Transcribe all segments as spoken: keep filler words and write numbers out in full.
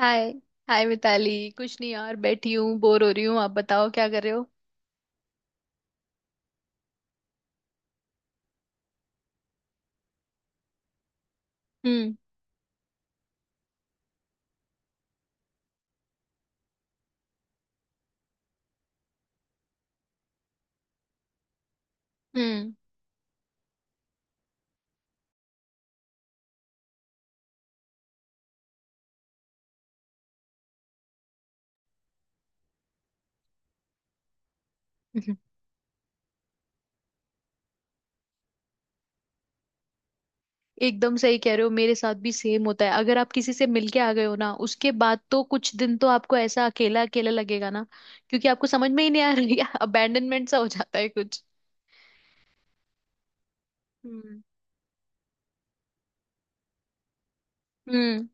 हाय hi Mitali, कुछ नहीं यार, बैठी हूँ बोर हो रही हूँ। आप बताओ क्या कर रहे हो। हम्म। हम्म। एकदम सही कह रहे हो, मेरे साथ भी सेम होता है। अगर आप किसी से मिलके आ गए हो ना, उसके बाद तो कुछ दिन तो आपको ऐसा अकेला अकेला लगेगा ना। क्योंकि आपको समझ में ही नहीं आ रही, अबैंडनमेंट सा हो जाता है कुछ। हम्म। हम्म।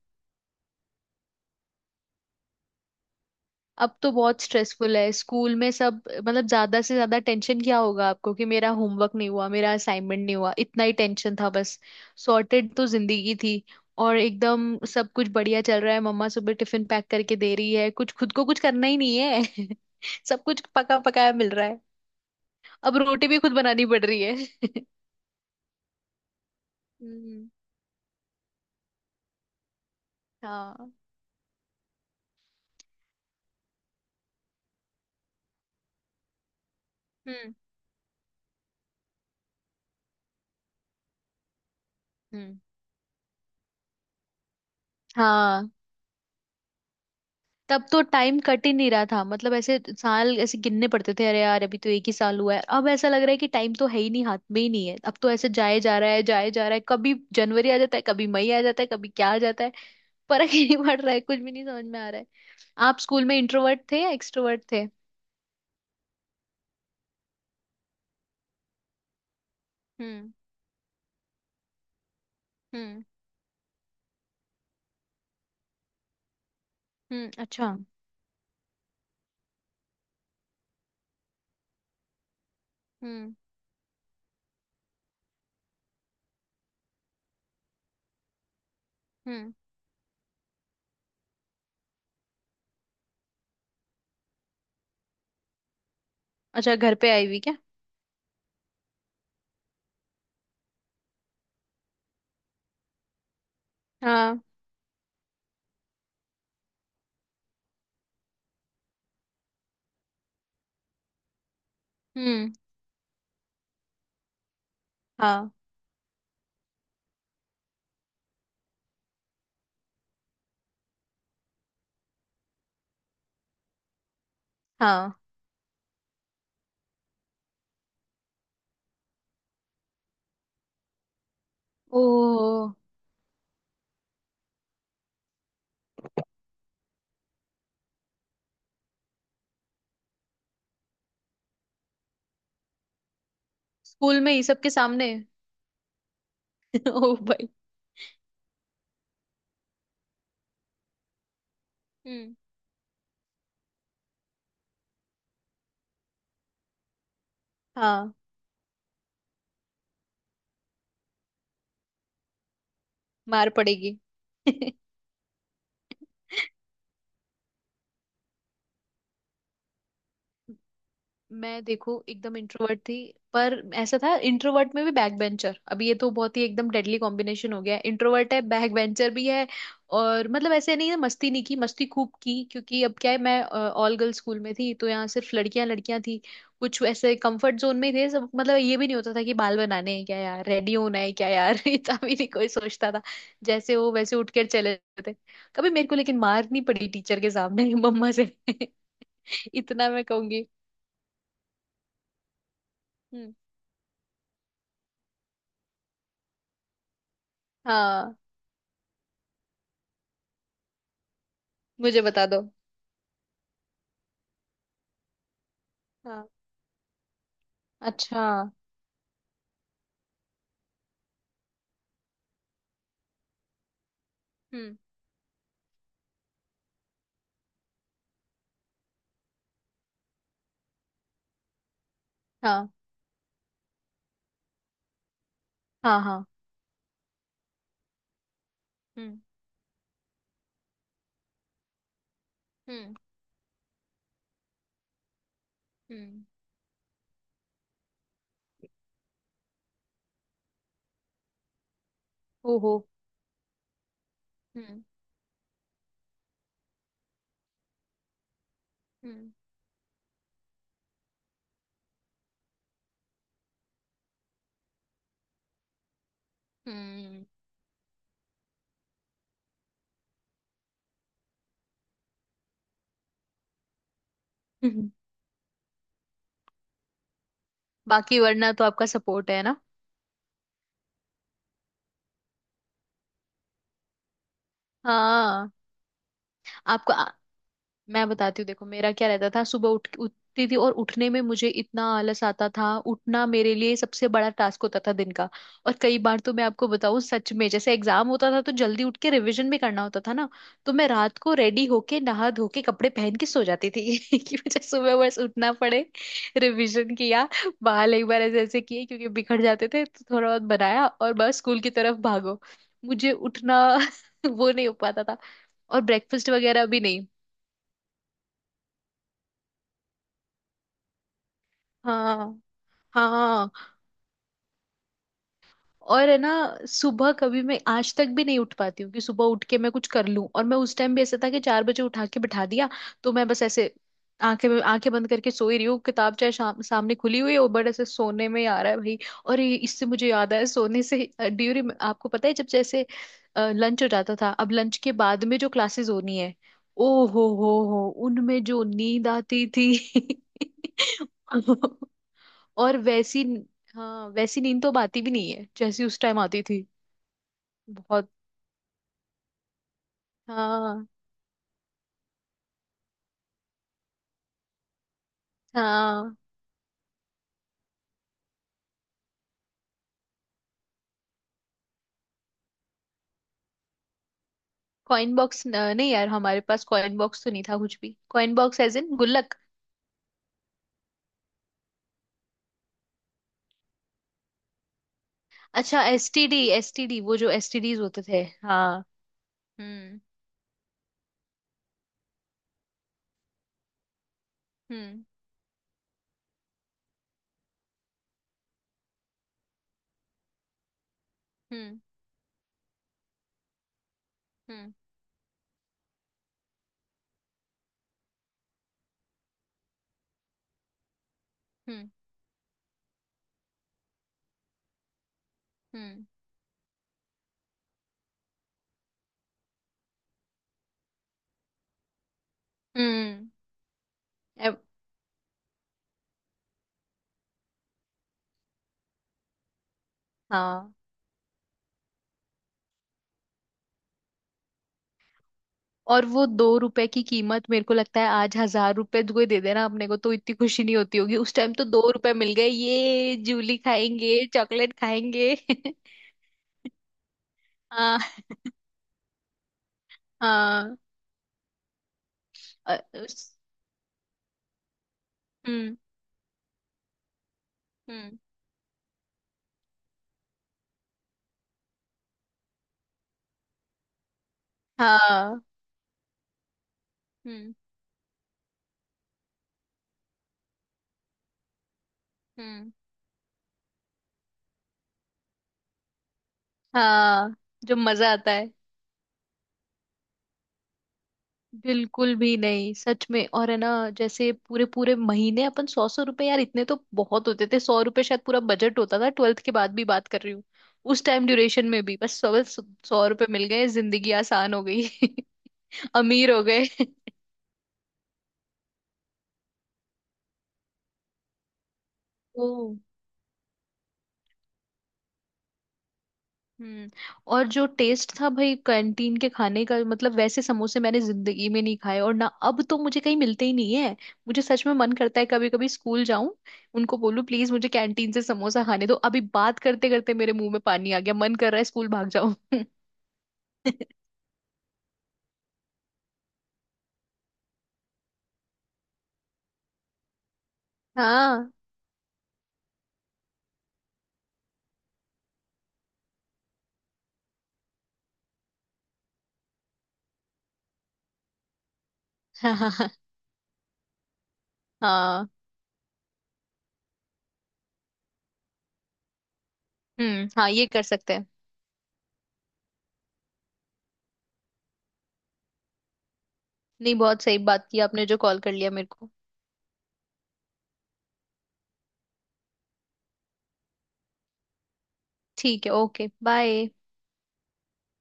अब तो बहुत स्ट्रेसफुल है स्कूल में सब, मतलब ज्यादा से ज्यादा टेंशन क्या होगा आपको कि मेरा होमवर्क नहीं हुआ, मेरा असाइनमेंट नहीं हुआ, इतना ही टेंशन था बस। सॉर्टेड तो जिंदगी थी। और एकदम सब कुछ बढ़िया चल रहा है, मम्मा सुबह टिफिन पैक करके दे रही है, कुछ खुद को कुछ करना ही नहीं है। सब कुछ पका पकाया मिल रहा है। अब रोटी भी खुद बनानी पड़ रही है। हम्म। हाँ। हम्म। हम्म। हाँ। तब तो टाइम कट ही नहीं रहा था, मतलब ऐसे साल ऐसे गिनने पड़ते थे, अरे यार अभी तो एक ही साल हुआ है। अब ऐसा लग रहा है कि टाइम तो है ही नहीं, हाथ में ही नहीं है, अब तो ऐसे जाए जा रहा है जाए जा रहा है, कभी जनवरी आ जाता है, कभी मई आ जाता है, कभी क्या आ जाता है। फर्क ही नहीं पड़ रहा है, कुछ भी नहीं समझ में आ रहा है। आप स्कूल में इंट्रोवर्ट थे या एक्सट्रोवर्ट थे? हम्म। हम्म। हम्म। अच्छा। हम्म। हम्म। अच्छा, घर पे आई हुई क्या? हाँ। हम्म। हाँ। हाँ। ओ। स्कूल में ही सबके सामने? ओ भाई। हम्म। हाँ। मार पड़ेगी। मैं देखो एकदम इंट्रोवर्ट थी, पर ऐसा था इंट्रोवर्ट में भी बैक बेंचर। अभी ये तो बहुत ही एकदम डेडली कॉम्बिनेशन हो गया है, इंट्रोवर्ट है बैक बेंचर भी है। और मतलब ऐसे नहीं है मस्ती नहीं की, मस्ती खूब की, क्योंकि अब क्या है मैं ऑल गर्ल्स स्कूल में थी तो यहाँ सिर्फ लड़कियां लड़कियां थी। कुछ ऐसे कंफर्ट जोन में ही थे सब, मतलब ये भी नहीं होता था कि बाल बनाने हैं क्या यार, रेडी होना है क्या यार, इतना भी नहीं कोई सोचता था। जैसे हो वैसे उठ कर चले जाते। कभी मेरे को लेकिन मार नहीं पड़ी टीचर के सामने, मम्मा से, इतना मैं कहूंगी। हम्म। हाँ। मुझे बता दो। हाँ। अच्छा। हम्म। हाँ। हाँ। हाँ। हम्म। हम्म। हम्म। ओहो। हम्म। हम्म। हम्म। बाकी वरना तो आपका सपोर्ट है ना। हाँ। आपको मैं बताती हूँ देखो मेरा क्या रहता था। सुबह उठ उठती थी और उठने में मुझे इतना आलस आता था, उठना मेरे लिए सबसे बड़ा टास्क होता था दिन का। और कई बार तो मैं आपको बताऊं सच में, जैसे एग्जाम होता था तो जल्दी उठ के रिवीजन भी करना होता था ना। तो मैं रात को रेडी होके नहा धो के कपड़े पहन के सो जाती थी कि मुझे सुबह बस उठना पड़े। रिवीजन किया, बाल एक बार ऐसे ऐसे किए क्योंकि बिखर जाते थे तो थोड़ा बहुत बनाया, और बस स्कूल की तरफ भागो। मुझे उठना वो नहीं हो पाता था, और ब्रेकफास्ट वगैरह भी नहीं। हाँ। हाँ। और है ना, सुबह कभी मैं आज तक भी नहीं उठ पाती हूँ कि सुबह उठ के मैं कुछ कर लूं। और मैं उस टाइम भी ऐसा था कि चार बजे उठा के बिठा दिया। तो मैं बस ऐसे आंखें आंखें बंद करके सोई रही हूँ, किताब चाहे शाम सामने खुली हुई हो, बट ऐसे सोने में आ रहा है भाई। और ये- इससे मुझे याद आया सोने से ड्यूरी। आपको पता है जब जैसे लंच हो जाता था, अब लंच के बाद में जो क्लासेस होनी है, ओ हो हो हो उनमें जो नींद आती थी। और वैसी, हाँ वैसी नींद तो अब आती भी नहीं है जैसी उस टाइम आती थी। बहुत। हाँ। हाँ। कॉइन बॉक्स नहीं यार, हमारे पास कॉइन बॉक्स तो नहीं था कुछ भी। कॉइन बॉक्स एज इन गुल्लक। अच्छा, एसटीडी एसटीडी वो जो एसटीडीज होते थे, हाँ। हम्म। हम्म। हम्म। हम्म। हम्म। हम्म। हम्म, अब- हाँ। और वो दो रुपए की कीमत, मेरे को लगता है आज हजार रुपए तो कोई दे देना अपने को तो इतनी खुशी नहीं होती होगी। उस टाइम तो दो रुपए मिल गए, ये जूली खाएंगे चॉकलेट खाएंगे। हाँ। हाँ। अ, उस- हम्म। हम्म। हाँ। हम्म। हम्म। हाँ। जो मजा आता है। बिल्कुल भी नहीं सच में। और है ना, जैसे पूरे पूरे महीने अपन सौ सौ रुपए, यार इतने तो बहुत होते थे। सौ रुपए शायद पूरा बजट होता था, ट्वेल्थ के बाद भी बात कर रही हूँ। उस टाइम ड्यूरेशन में भी बस सौ सौ रुपए मिल गए जिंदगी आसान हो गई। अमीर हो गए। ओ। हम्म। और जो टेस्ट था भाई कैंटीन के खाने का, मतलब वैसे समोसे मैंने जिंदगी में नहीं खाए और ना अब तो मुझे कहीं मिलते ही नहीं है। मुझे सच में मन करता है कभी कभी स्कूल जाऊं, उनको बोलूं प्लीज मुझे कैंटीन से समोसा खाने दो। अभी बात करते करते मेरे मुंह में पानी आ गया, मन कर रहा है स्कूल भाग जाऊं। हाँ। हाँ। हाँ। हाँ। हाँ। हम्म। हाँ ये कर सकते हैं। नहीं बहुत सही बात की आपने जो कॉल कर लिया मेरे को। ठीक है। ओके। बाय।